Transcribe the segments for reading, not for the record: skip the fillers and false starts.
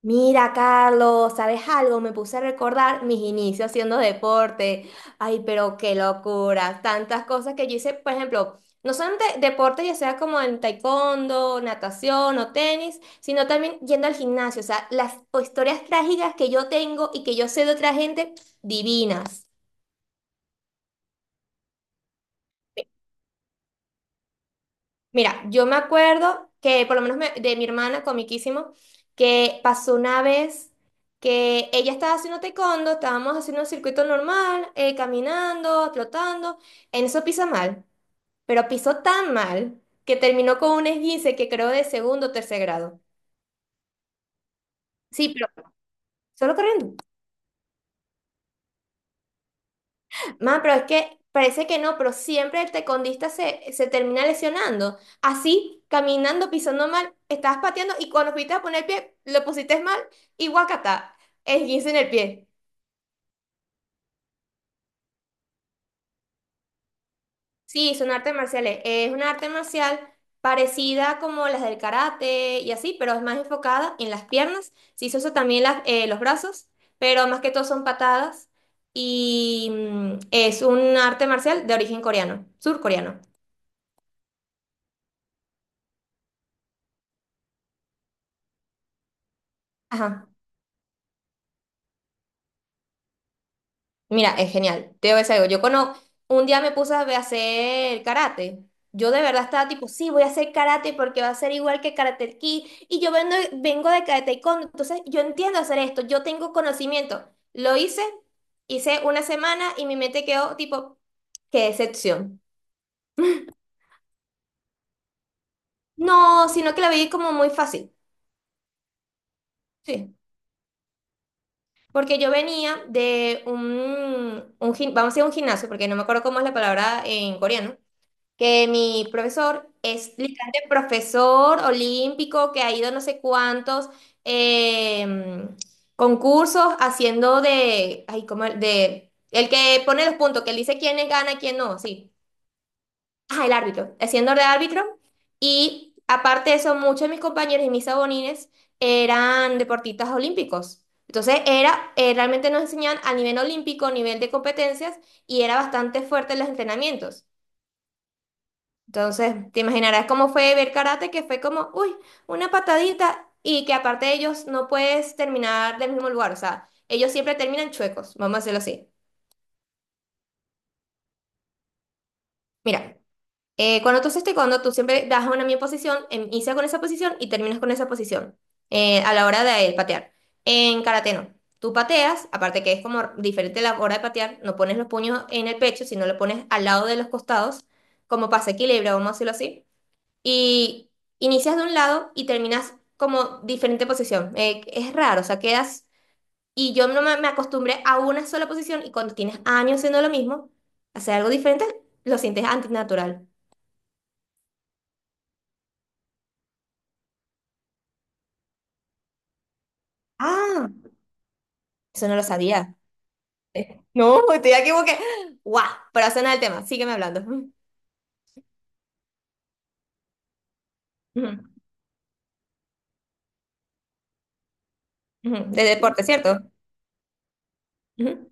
Mira, Carlos, ¿sabes algo? Me puse a recordar mis inicios haciendo deporte. Ay, pero qué locura. Tantas cosas que yo hice, por ejemplo, no solamente deporte, ya sea como en taekwondo, natación o tenis, sino también yendo al gimnasio. O sea, las historias trágicas que yo tengo y que yo sé de otra gente, divinas. Mira, yo me acuerdo que, por lo menos de mi hermana, comiquísimo, que pasó una vez que ella estaba haciendo taekwondo, estábamos haciendo un circuito normal, caminando, trotando, en eso pisa mal, pero pisó tan mal que terminó con un esguince que creo de segundo o tercer grado. Sí, pero solo corriendo. Ma, pero es que parece que no, pero siempre el tecondista se termina lesionando. Así, caminando, pisando mal, estabas pateando y cuando fuiste a poner el pie, lo pusiste mal y guacata, esguince en el pie. Sí, son artes marciales. Es una arte marcial parecida como las del karate y así, pero es más enfocada en las piernas. Sí, se usa también las, los brazos, pero más que todo son patadas y es un arte marcial de origen coreano, surcoreano. Ajá. Mira, es genial. Te voy a decir algo. Yo conozco, un día me puse a a hacer karate. Yo de verdad estaba tipo, sí, voy a hacer karate porque va a ser igual que Karate Kid. Y yo vengo de Karate Taekwondo, entonces yo entiendo hacer esto, yo tengo conocimiento. Lo hice, hice una semana y mi mente quedó tipo, qué decepción. No, sino que la vi como muy fácil. Sí, porque yo venía de un vamos a decir un gimnasio, porque no me acuerdo cómo es la palabra en coreano, que mi profesor es literalmente profesor olímpico que ha ido no sé cuántos eh, concursos haciendo de, ay, ¿cómo era? De, el que pone los puntos, que él dice quién gana, quién no, sí. Ah, el árbitro, haciendo de árbitro. Y aparte de eso, muchos de mis compañeros y mis abonines eran deportistas olímpicos. Entonces era, realmente nos enseñaban a nivel olímpico, nivel de competencias, y era bastante fuerte en los entrenamientos. Entonces, te imaginarás cómo fue ver karate, que fue como, uy, una patadita y que aparte de ellos no puedes terminar del mismo lugar, o sea, ellos siempre terminan chuecos, vamos a hacerlo así. Mira, cuando tú haces taekwondo, tú siempre das una misma posición, inicias con esa posición y terminas con esa posición a la hora de patear. En karate no. Tú pateas, aparte que es como diferente la hora de patear, no pones los puños en el pecho, sino lo pones al lado de los costados, como pasa equilibrio, vamos a decirlo así, y inicias de un lado y terminas como diferente posición. Es raro, o sea, quedas... Y yo no me, me acostumbré a una sola posición y cuando tienes años haciendo lo mismo, hacer algo diferente, lo sientes antinatural. Ah, eso no lo sabía. No, estoy aquí como que... ¡Guau! Pero eso no es el tema, sígueme hablando. Ujú, ujú. ¿De deporte, cierto? Ujú.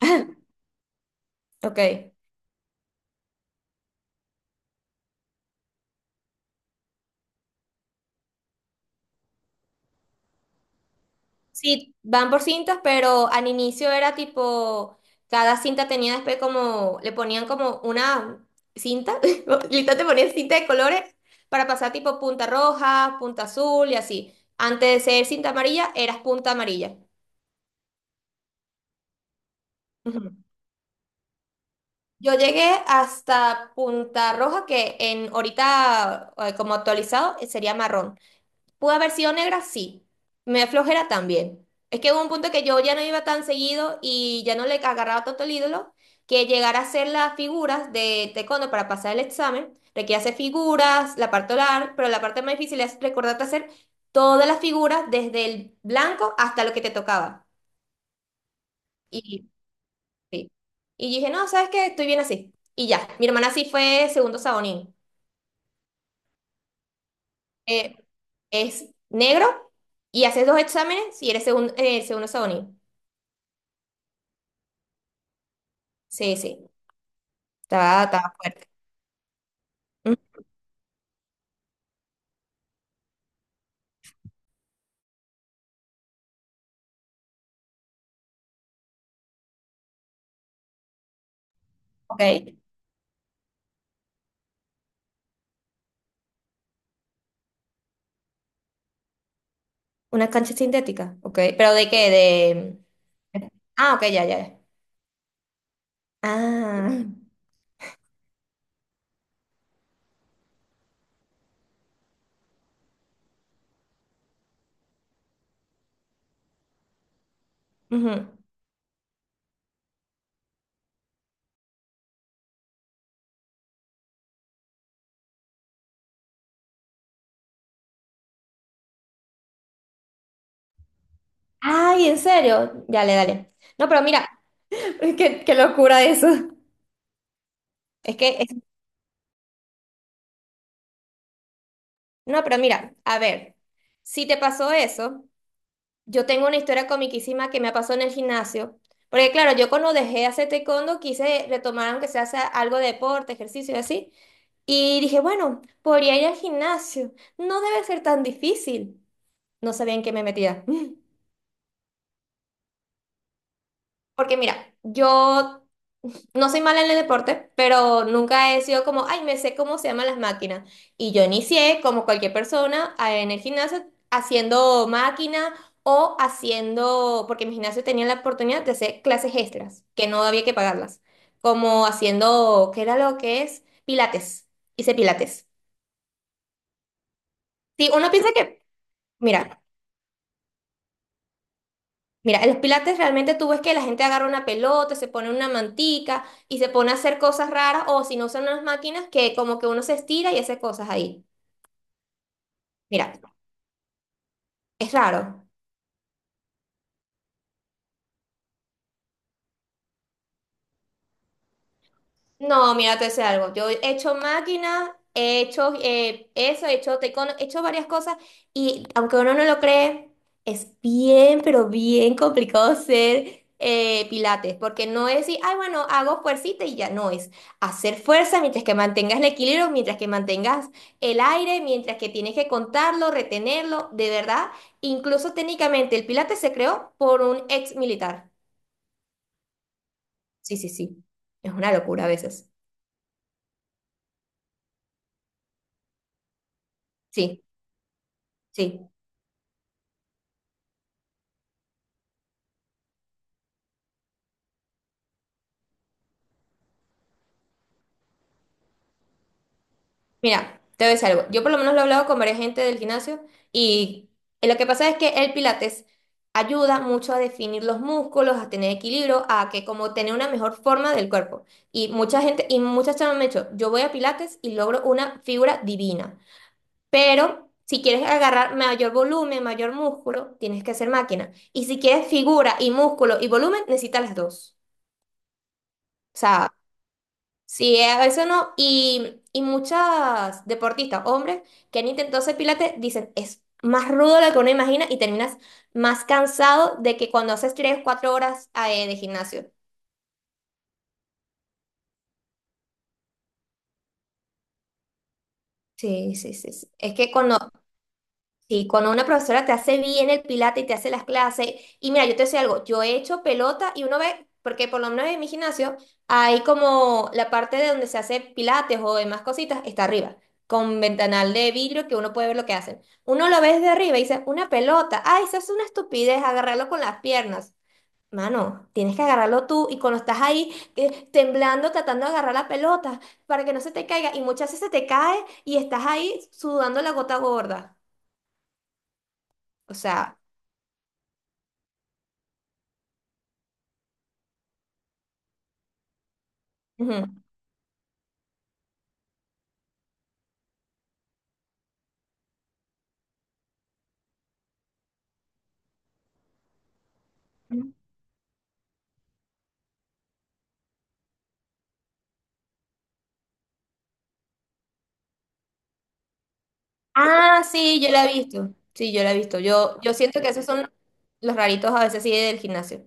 Ok. Sí, van por cintas, pero al inicio era tipo, cada cinta tenía después como, le ponían como una cinta, literal te ponían cinta de colores para pasar tipo punta roja, punta azul y así. Antes de ser cinta amarilla, eras punta amarilla. Ujú. Yo llegué hasta punta roja, que en ahorita como actualizado sería marrón. ¿Pudo haber sido negra? Sí. Me da flojera también. Es que hubo un punto que yo ya no iba tan seguido y ya no le agarraba tanto el ídolo que llegar a hacer las figuras de taekwondo para pasar el examen. Requiere hacer figuras, la parte oral, pero la parte más difícil es recordarte hacer todas las figuras desde el blanco hasta lo que te tocaba. Y, sí. Y dije, no, ¿sabes qué? Estoy bien así. Y ya, mi hermana sí fue segundo sabonín. Eh, es negro y haces dos exámenes y eres segundo sabonín. Sí, sí, está, está fuerte. Mm, ok, una cancha sintética, ok, pero ¿de qué? De... Ah, ok, ya, ya, ya. Ah, ujú. Ay, ¿en serio? Dale, dale. No, pero mira, qué, qué locura eso. Es que, no, pero mira, a ver, si te pasó eso, yo tengo una historia comiquísima que me pasó en el gimnasio, porque claro, yo cuando dejé de hacer taekwondo quise retomar aunque sea hacer algo de deporte, ejercicio y así. Y dije, bueno, podría ir al gimnasio. No debe ser tan difícil. No sabía en qué me metía. Porque mira, yo no soy mala en el deporte, pero nunca he sido como, ay, me sé cómo se llaman las máquinas. Y yo inicié, como cualquier persona, en el gimnasio haciendo máquina o haciendo, porque mi gimnasio tenía la oportunidad de hacer clases extras, que no había que pagarlas. Como haciendo, ¿qué era lo que es? Pilates. Hice pilates. Sí, uno piensa que, mira. Mira, en los pilates realmente tú ves que la gente agarra una pelota, se pone una mantica y se pone a hacer cosas raras o si no son unas máquinas que como que uno se estira y hace cosas ahí. Mira, es raro. No, mira, te sé algo. Yo he hecho máquinas, he hecho eso, he hecho taekwondo, he hecho varias cosas y aunque uno no lo cree, es bien, pero bien complicado ser pilates, porque no es decir, ay, bueno, hago fuercita y ya no es hacer fuerza mientras que mantengas el equilibrio, mientras que mantengas el aire, mientras que tienes que contarlo, retenerlo, de verdad. Incluso técnicamente el pilates se creó por un ex militar. Sí, sí, sí. Es una locura a veces. Sí, sí. Mira, te voy a decir algo. Yo por lo menos lo he hablado con varias gente del gimnasio y lo que pasa es que el pilates ayuda mucho a definir los músculos, a tener equilibrio, a que como tener una mejor forma del cuerpo. Y mucha gente, y muchas chavas me han dicho, yo voy a pilates y logro una figura divina. Pero si quieres agarrar mayor volumen, mayor músculo, tienes que hacer máquina. Y si quieres figura y músculo y volumen, necesitas las dos. O sea, sí, a veces no. Y muchas deportistas, hombres, que han intentado hacer pilates, dicen, es más rudo de lo que uno imagina y terminas más cansado de que cuando haces tres, o cuatro horas de gimnasio. Sí, sí, sí, sí. Es que cuando sí, cuando una profesora te hace bien el pilate y te hace las clases, y mira, yo te sé algo, yo he hecho pelota y uno ve, porque por lo menos en mi gimnasio hay como la parte de donde se hace pilates o demás cositas, está arriba, con ventanal de vidrio que uno puede ver lo que hacen. Uno lo ve desde arriba y dice, una pelota, ay, eso es una estupidez, agarrarlo con las piernas. Mano, tienes que agarrarlo tú y cuando estás ahí temblando, tratando de agarrar la pelota para que no se te caiga, y muchas veces se te cae y estás ahí sudando la gota gorda. O sea... Ujú. Ah, sí, yo la he visto. Sí, yo la he visto. Yo siento que esos son los raritos a veces sí del gimnasio.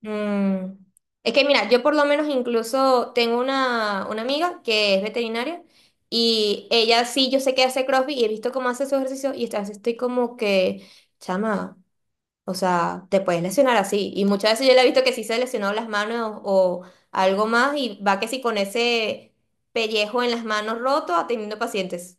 Mm. Es que mira, yo por lo menos incluso tengo una amiga que es veterinaria y ella sí, yo sé que hace CrossFit y he visto cómo hace su ejercicio y esta vez estoy como que, chama, o sea, te puedes lesionar así. Y muchas veces yo le he visto que sí se lesionó las manos o algo más y va que sí con ese pellejo en las manos roto atendiendo pacientes.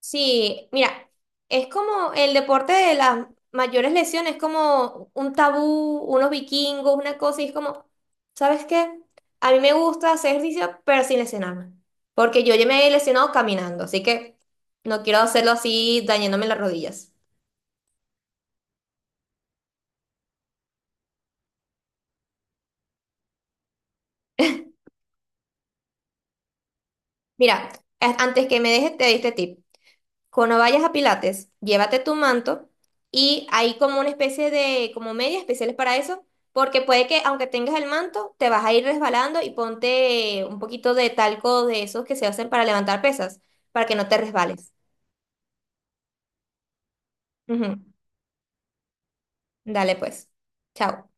Sí, mira, es como el deporte de las mayores lesiones, es como un tabú, unos vikingos, una cosa, y es como, ¿sabes qué? A mí me gusta hacer ejercicio, pero sin lesionarme, porque yo ya me he lesionado caminando, así que no quiero hacerlo así dañándome las rodillas. Mira, antes que me dejes, te di este tip. Cuando vayas a Pilates, llévate tu manto y hay como una especie de, como medias especiales para eso, porque puede que aunque tengas el manto, te vas a ir resbalando y ponte un poquito de talco de esos que se hacen para levantar pesas, para que no te resbales. Ujú. Dale pues. Chao.